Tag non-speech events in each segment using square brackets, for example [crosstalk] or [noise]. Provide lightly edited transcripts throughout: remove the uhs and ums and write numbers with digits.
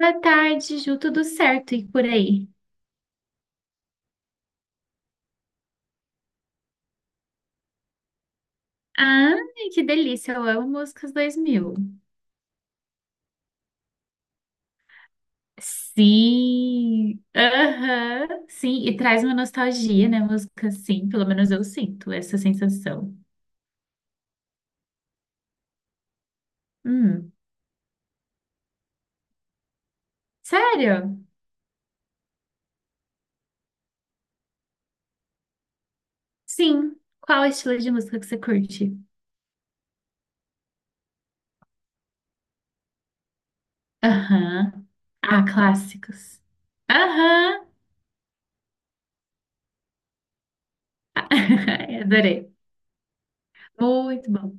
Boa tarde, Ju, tudo certo e por aí? Ai, que delícia, eu amo músicas 2000. Sim, aham, sim, e traz uma nostalgia, né? Música, sim, pelo menos eu sinto essa sensação. Hum, sério? Sim, qual é o estilo de música que você curte? Aham, ah, clássicos. Aham, [laughs] adorei, muito bom.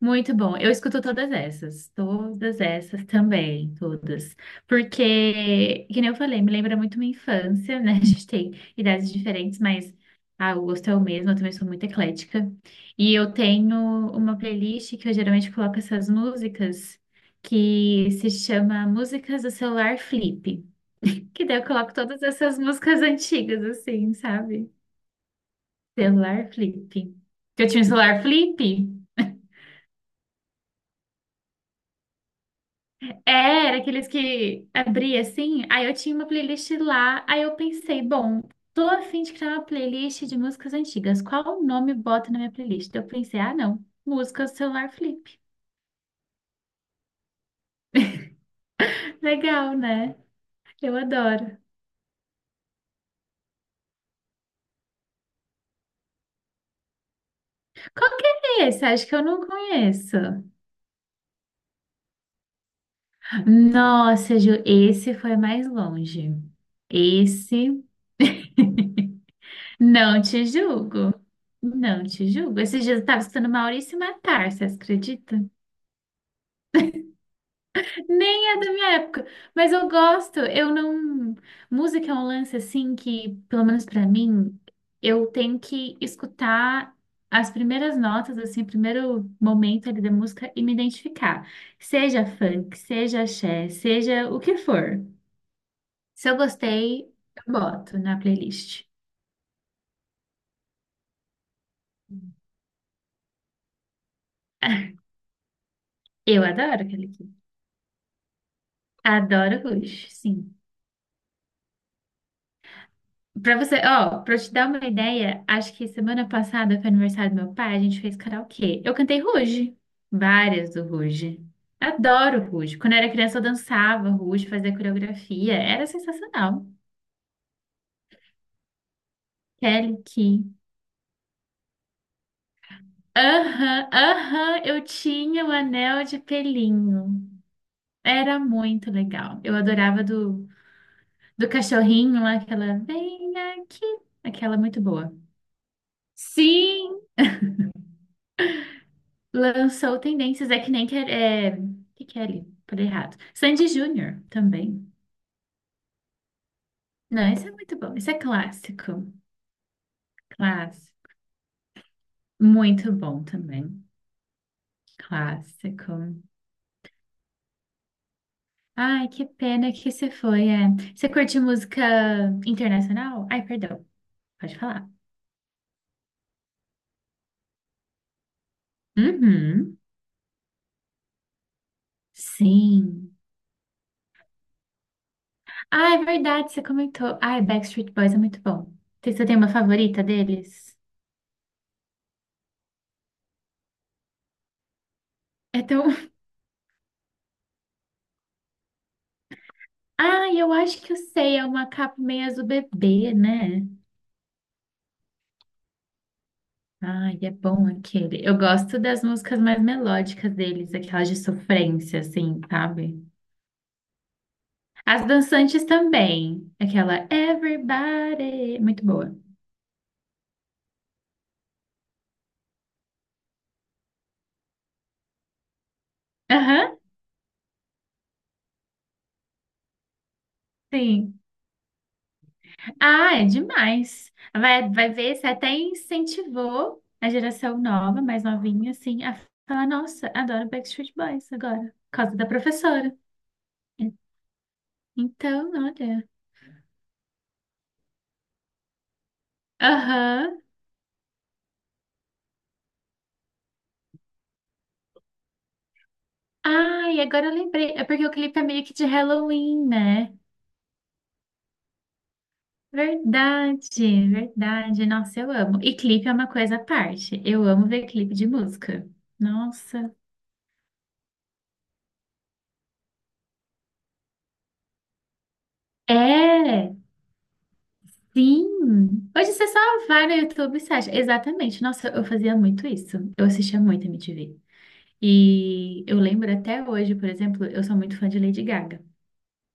Muito bom. Eu escuto todas essas também, todas. Porque, que nem eu falei, me lembra muito minha infância, né? [laughs] A gente tem idades diferentes, mas ah, o gosto é o mesmo, eu também sou muito eclética. E eu tenho uma playlist que eu geralmente coloco essas músicas que se chama Músicas do Celular Flip. [laughs] Que daí eu coloco todas essas músicas antigas, assim, sabe? Celular Flip. Que eu tinha um celular Flip. É, era aqueles que abria assim. Aí eu tinha uma playlist lá. Aí eu pensei, bom, tô a fim de criar uma playlist de músicas antigas. Qual o nome bota na minha playlist? Eu pensei, ah, não. Música celular flip. [laughs] Legal, né? Eu adoro. Qual que é esse? Acho que eu não conheço. Nossa, Ju, esse foi mais longe. Esse. [laughs] Não te julgo. Não te julgo. Esses dias eu tava escutando Maurício Matar, você acredita? Nem é da minha época, mas eu gosto. Eu não. Música é um lance assim que, pelo menos pra mim, eu tenho que escutar as primeiras notas, assim, o primeiro momento ali da música e me identificar. Seja funk, seja axé, seja o que for. Se eu gostei, eu boto na playlist. [laughs] Eu adoro aquele aqui. Adoro Rush, sim. Pra você, ó, pra eu te dar uma ideia, acho que semana passada foi aniversário do meu pai, a gente fez karaokê. Eu cantei Ruge, várias do Ruge. Adoro Ruge. Quando eu era criança eu dançava Ruge, fazia coreografia, era sensacional. Kelly Key. Aham, aham, eu tinha o anel de pelinho. Era muito legal. Eu adorava do cachorrinho lá, aquela vem aqui, aquela muito boa. Sim! [laughs] Lançou Tendências, é que nem que é, o que que é ali? Falei errado. Sandy Júnior também. Não, esse é muito bom. Esse é clássico. Clássico. Muito bom também. Clássico. Ai, que pena que você foi. É. Você curte música internacional? Ai, perdão. Pode falar. Uhum. Sim. Ah, é verdade, você comentou. Ai, Backstreet Boys é muito bom. Você tem uma favorita deles? É tão, [laughs] Ah, eu acho que eu sei, é uma capa meio azul bebê, né? Ai, é bom aquele. Eu gosto das músicas mais melódicas deles, aquelas de sofrência, assim, sabe? As dançantes também. Aquela Everybody. Muito boa. Aham, sim. Ah, é demais. Vai, vai ver, você até incentivou a geração nova, mais novinha, assim, a falar: Nossa, adoro Backstreet Boys agora, por causa da professora. Então, olha. Aham. Ai, agora eu lembrei. É porque o clipe é meio que de Halloween, né? Verdade, verdade. Nossa, eu amo. E clipe é uma coisa à parte. Eu amo ver clipe de música. Nossa. É, sim. Hoje você só vai no YouTube e você acha. Exatamente. Nossa, eu fazia muito isso. Eu assistia muito MTV. E eu lembro até hoje, por exemplo, eu sou muito fã de Lady Gaga.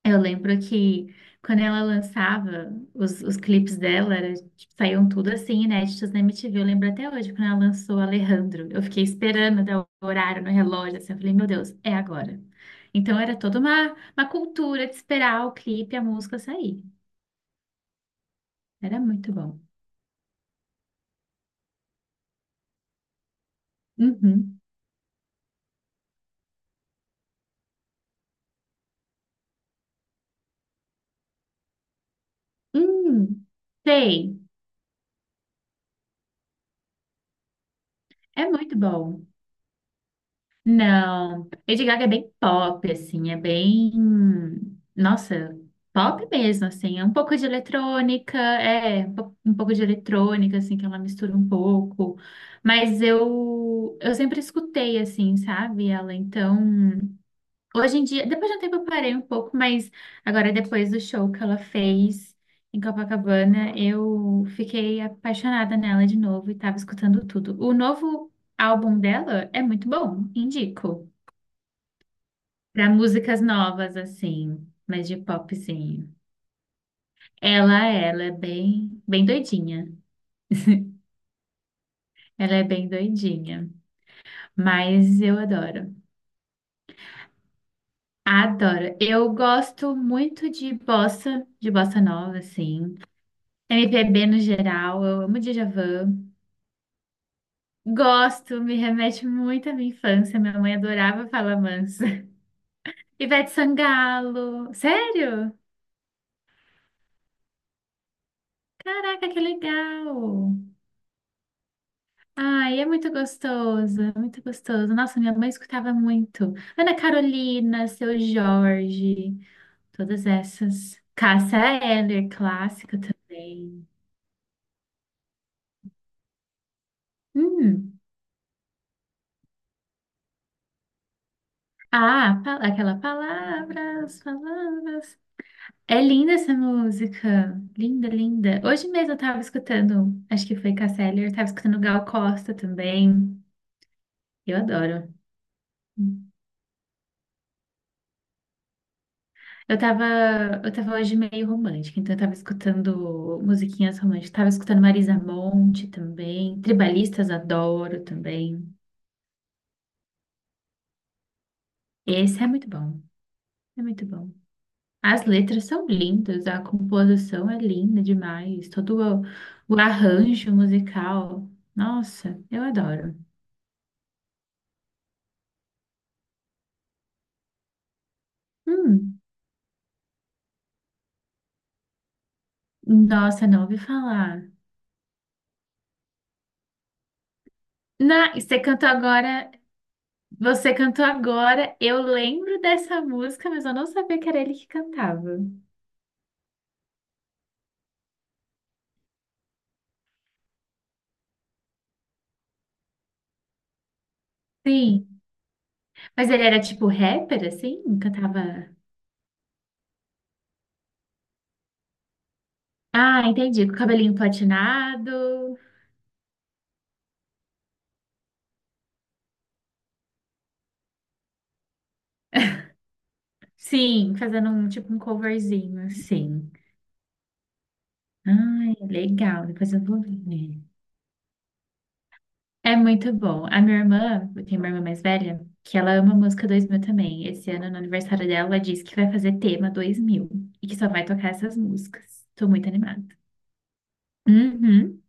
Eu lembro que quando ela lançava os clipes dela, era, tipo, saíam tudo assim, inéditos na MTV. Eu lembro até hoje, quando ela lançou Alejandro. Eu fiquei esperando dar o horário no relógio, assim, eu falei, meu Deus, é agora. Então era toda uma cultura de esperar o clipe, e a música sair. Era muito bom. Uhum. Hum, sei, é muito bom. Não, Lady Gaga é bem pop, assim, é bem, nossa, pop mesmo, assim, é um pouco de eletrônica, é, um pouco de eletrônica, assim, que ela mistura um pouco, mas eu sempre escutei, assim, sabe, ela, então, hoje em dia, depois de um tempo eu parei um pouco, mas agora depois do show que ela fez em Copacabana, eu fiquei apaixonada nela de novo e tava escutando tudo. O novo álbum dela é muito bom, indico. Para músicas novas, assim, mas de popzinho. Ela é bem, bem doidinha. [laughs] Ela é bem doidinha, mas eu adoro. Adoro. Eu gosto muito de bossa nova, assim. MPB no geral, eu amo Djavan. Gosto, me remete muito à minha infância. Minha mãe adorava Fala Mansa. [laughs] Ivete Sangalo. Sério? Caraca, que legal! Ai, é muito gostoso, é muito gostoso. Nossa, minha mãe escutava muito. Ana Carolina, Seu Jorge, todas essas. Cássia Eller, clássica também. Hum. Ah, aquela palavras, palavras. É linda essa música. Linda, linda. Hoje mesmo eu tava escutando, acho que foi Cássia Eller, eu tava escutando Gal Costa também. Eu adoro. Eu tava, eu tava hoje meio romântica, então eu tava escutando musiquinhas românticas. Tava escutando Marisa Monte também. Tribalistas adoro também. Esse é muito bom. É muito bom. As letras são lindas, a composição é linda demais. Todo o arranjo musical. Nossa, eu adoro. Hum, nossa, não ouvi falar. Na, você cantou agora, você cantou agora. Eu lembro dessa música, mas eu não sabia que era ele que cantava. Sim, mas ele era tipo rapper, assim? Cantava. Ah, entendi. Com o cabelinho platinado. Sim, fazendo um tipo um coverzinho, assim. Ai, legal. Depois eu vou ver. É muito bom. A minha irmã, eu tenho uma irmã mais velha, que ela ama música 2000 também. Esse ano, no aniversário dela, ela disse que vai fazer tema 2000 e que só vai tocar essas músicas. Tô muito animada. Uhum.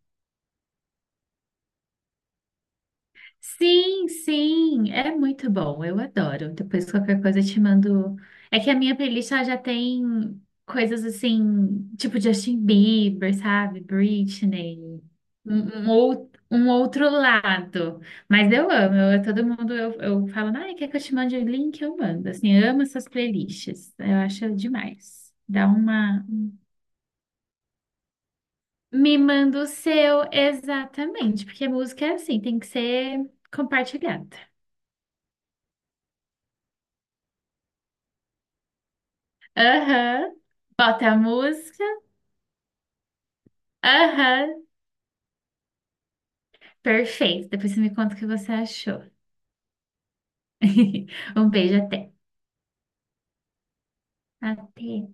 Sim, sim, é muito bom, eu adoro. Depois qualquer coisa eu te mando. É que a minha playlist ela já tem coisas assim, tipo Justin Bieber, sabe? Britney, um outro lado. Mas eu amo, eu, todo mundo eu falo, ai, quer que eu te mande o link? Eu mando. Assim, eu amo essas playlists, eu acho demais. Dá uma. Me manda o seu, exatamente, porque música é assim, tem que ser compartilhada. Aham. Bota a música. Aham. Perfeito. Depois você me conta o que você achou. [laughs] Um beijo, até. Até.